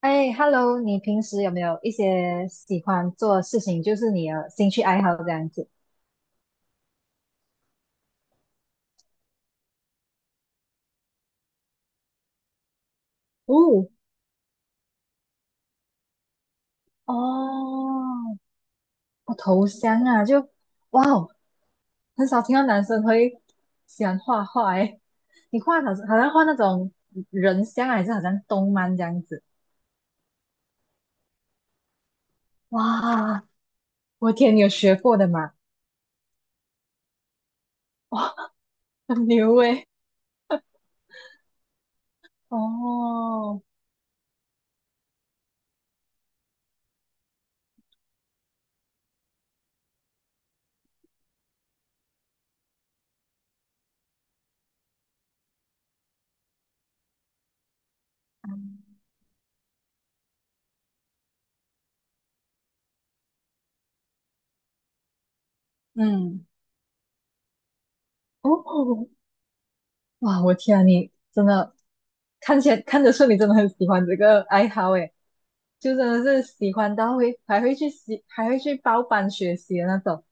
哎，Hello，你平时有没有一些喜欢做的事情，就是你的兴趣爱好这样子？哦。哦，我头降啊，就哇哦，很少听到男生会喜欢画画诶。你画好像画那种人像啊还是好像动漫这样子？哇，我的天，你有学过的吗？哇，很牛诶。哦。嗯。哦。哇，我天啊你真的看起来看得出你真的很喜欢这个爱好诶。就真的是喜欢到会还会去习，还会去包班学习的那种。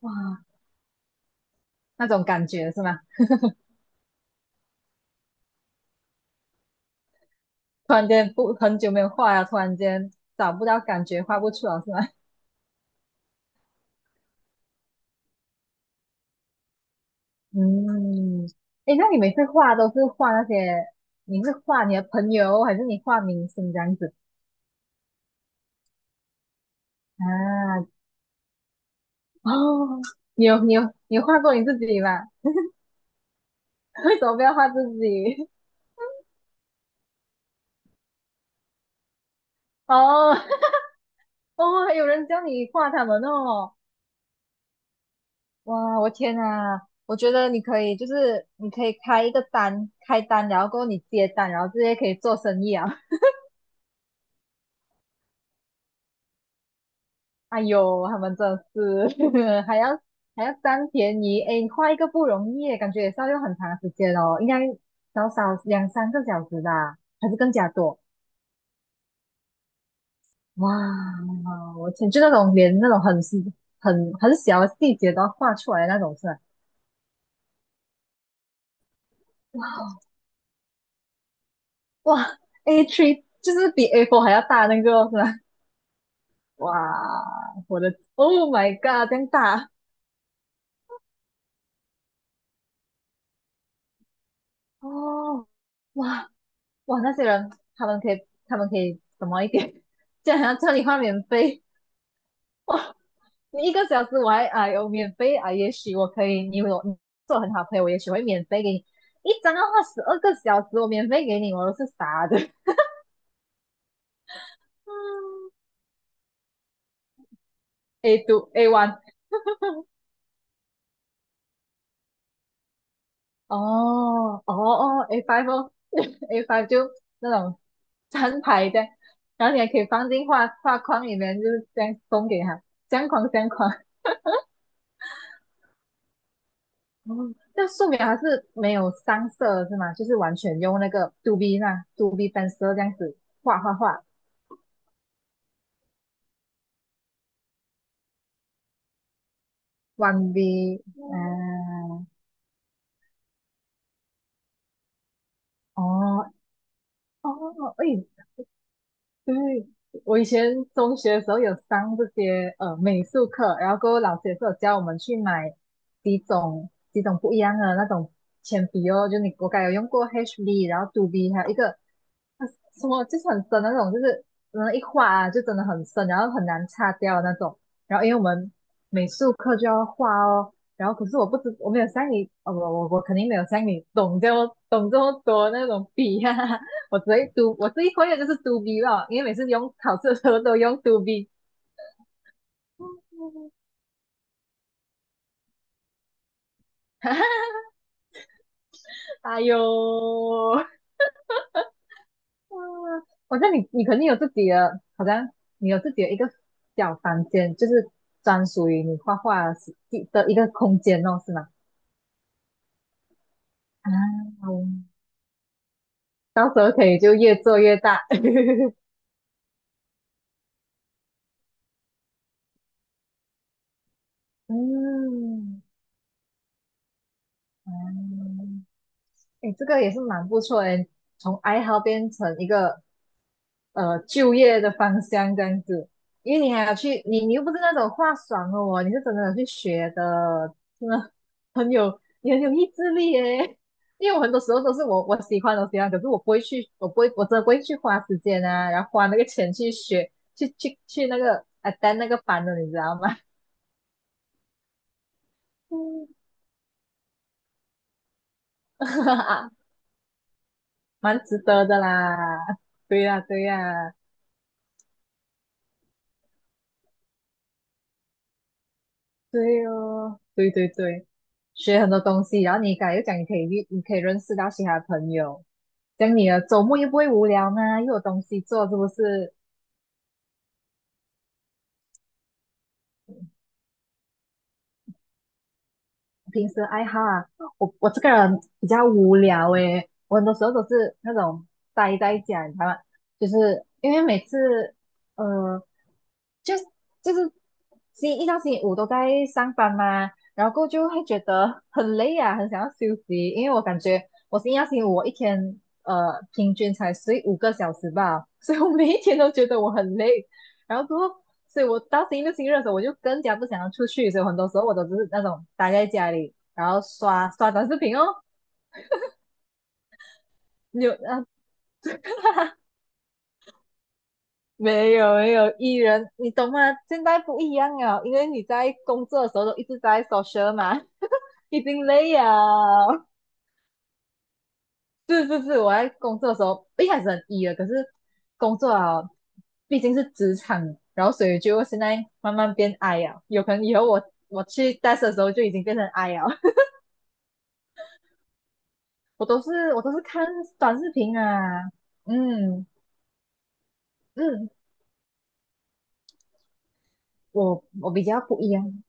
哇，那种感觉是吗？突然间不很久没有画了，突然间找不到感觉，画不出来是吗？嗯。诶，那你每次画都是画那些，你是画你的朋友，还是你画明星这样子啊？哦，你有你有你有画过你自己吗？为什么不要画自己？哦 哦，有人教你画他们哦。哇，我天呐，我觉得你可以，就是你可以开一个单，开单，然后过后你接单，然后直接可以做生意啊。哎呦，他们真的是 还要占便宜，哎，你画一个不容易耶，感觉也是要用很长时间哦，应该少少两三个小时吧，还是更加多。哇，我天，就那种连那种很细、很小的细节都要画出来的那种是吧？哇，A3 就是比 A4 还要大那个是吧？哇，我的 Oh my God,这样大哦。哇，那些人他们可以怎么一点？竟然要叫你换免费，你一个小时我还哎呦免费啊，也许我可以，你有你做很好朋友，我也许会免费给你一张要花12个小时，我免费给你，我都是傻的。嗯， A two, A one。哦，A five 哦 ，A five 就那种 三排的，然后你还可以放进画画框里面，就是这样送给他，相框。哦，那素描还是没有上色的是吗？就是完全用那个 two B, 那 two B pencil 这样子画，one B,嗯。哦哦，哎，对，我以前中学的时候有上这些美术课，然后各位老师也是有教我们去买几种不一样的那种铅笔哦，就你我该有用过 HB,然后 2B,还有一个呃什么就是很深的那种，就是嗯一画啊就真的很深，然后很难擦掉的那种。然后因为我们美术课就要画哦，然后可是我不知我没有像你，哦我我肯定没有像你懂这么多那种笔啊，我只会 do,我这一个月就是 do B 了，因为每次用考试的时候都用 do B。哎呦。哇！我觉得你你肯定有自己的，好像你有自己的一个小房间，就是专属于你画画的的一个空间哦，是吗？啊，到时候可以就越做越大。嗯，哎，这个也是蛮不错的，从爱好变成一个就业的方向这样子。因为你还要去，你你又不是那种话爽的哦，你是真的有去学的，真的很有你很有意志力耶。因为我很多时候都是我喜欢的东西啊，可是我不会去，我不会，我真的不会去花时间啊，然后花那个钱去学，去那个啊单那个班的，你知道吗？嗯。蛮值得的啦。对呀、对呀、对哦，对对对，学很多东西，然后你刚才又讲你可以遇，你可以认识到其他朋友，这样你的周末又不会无聊啊，又有东西做，是不是？平时爱好啊，我这个人比较无聊诶，我很多时候都是那种待在家，你知道吗？就是因为每次，呃，就就是星期一到星期五都在上班嘛，然后就会觉得很累啊，很想要休息，因为我感觉我星期一到星期五我一天平均才睡5个小时吧，所以我每一天都觉得我很累，然后之后。所以我到星期六、星期日的时候，我就更加不想要出去，所以很多时候我都是那种待在家里，然后刷刷短视频哦。有啊。没有没有艺人，你懂吗？现在不一样了，因为你在工作的时候都一直在 social 嘛，已经累了。是是是，我在工作的时候一开始很 E 了可是工作啊，毕竟是职场，然后所以就现在慢慢变 I 啊。有可能以后我去 desk 的时候就已经变成 I 啊。我都是看短视频啊。嗯嗯。嗯嗯嗯我比较不一样。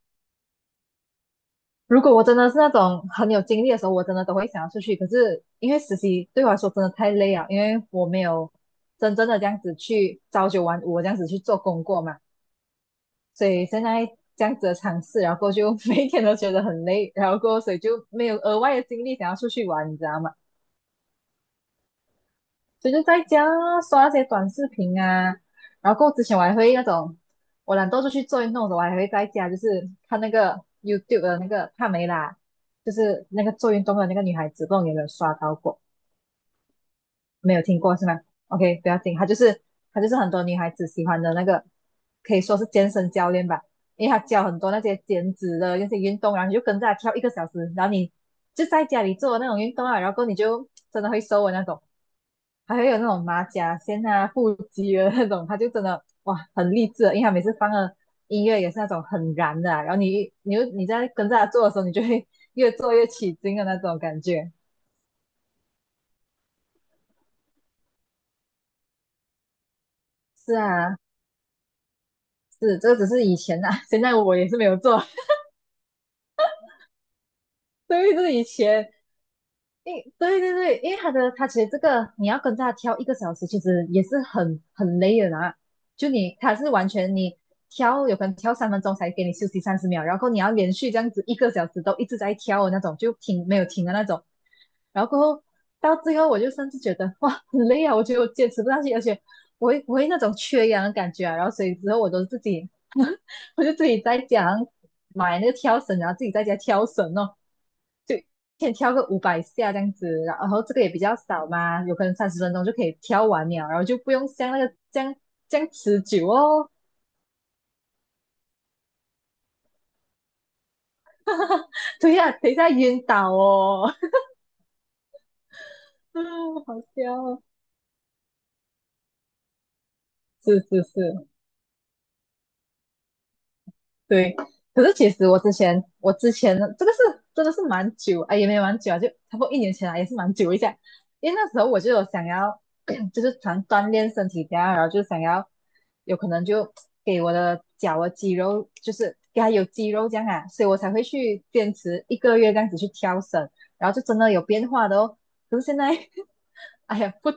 如果我真的是那种很有精力的时候，我真的都会想要出去。可是因为实习对我来说真的太累了，因为我没有真正的这样子去朝九晚五这样子去做工过嘛。所以现在这样子的尝试，然后就每天都觉得很累，然后过所以就没有额外的精力想要出去玩，你知道吗？所以就在家刷那些短视频啊，然后过之前我还会那种，我懒惰出去做运动的时候，我还会在家就是看那个 YouTube 的那个帕梅拉，就是那个做运动的那个女孩子，不知道你有没有刷到过？没有听过是吗？OK,不要紧，他就是他就是很多女孩子喜欢的那个，可以说是健身教练吧，因为他教很多那些减脂的那些运动，然后你就跟着他跳一个小时，然后你就在家里做那种运动啊，然后你就真的会瘦的那种，还会有那种马甲线啊、腹肌的那种，他就真的哇很励志的因为他每次放的音乐也是那种很燃的啊然后你就你在跟着他做的时候，你就会越做越起劲的那种感觉。是啊，是，这只是以前啊，现在我也是没有做。对于这以前，因对对对，因为他的他其实这个你要跟着他跳一个小时，其实也是很累的啦。就你他是完全你跳，有可能跳3分钟才给你休息30秒，然后你要连续这样子一个小时都一直在跳的那种，就停没有停的那种。然后过后到最后，我就甚至觉得哇很累啊，我觉得我坚持不下去，而且我会那种缺氧的感觉啊。然后所以之后我都自己，我就自己在家买那个跳绳，然后自己在家跳绳哦。就先跳个500下这样子，然后这个也比较少嘛，有可能30分钟就可以跳完了，然后就不用像那个这样持久哦，对呀、啊等一下晕倒哦，嗯，好笑哦，是是是，对，可是其实我之前，我之前这个是真的是蛮久，哎，也没有蛮久啊，就差不多一年前啊，也是蛮久一下。因为那时候我就有想要，就是想锻炼身体这样，然后就想要有可能就给我的脚的肌肉，就是给它有肌肉这样啊，所以我才会去坚持一个月这样子去跳绳，然后就真的有变化的哦。哎呀，不，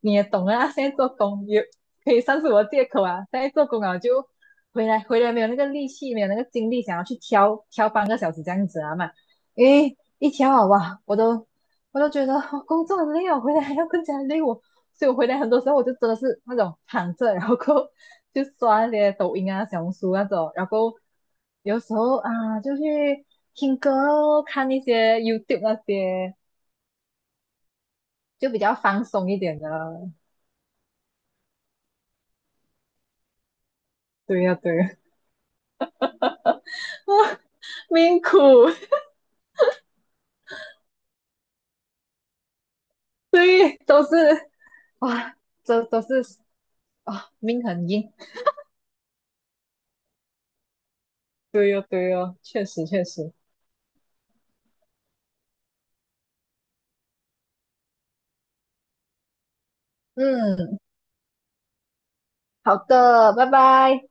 你也懂啊，现在做工也可以算是我的借口啊。现在做工啊，就回来没有那个力气，没有那个精力，想要去挑挑半个小时这样子啊嘛。因为一挑好吧，我都觉得哦工作很累哦，回来还要更加累我。所以我回来很多时候我就真的是那种躺着，然后过后就刷那些抖音啊、小红书那种，然后有时候啊就去听歌咯，看一些 YouTube 那些，就比较放松一点的。对呀、对呀、命苦，对，都是哇，这都是啊，命很硬。对哦，对哦，确实确实。嗯，好的，拜拜。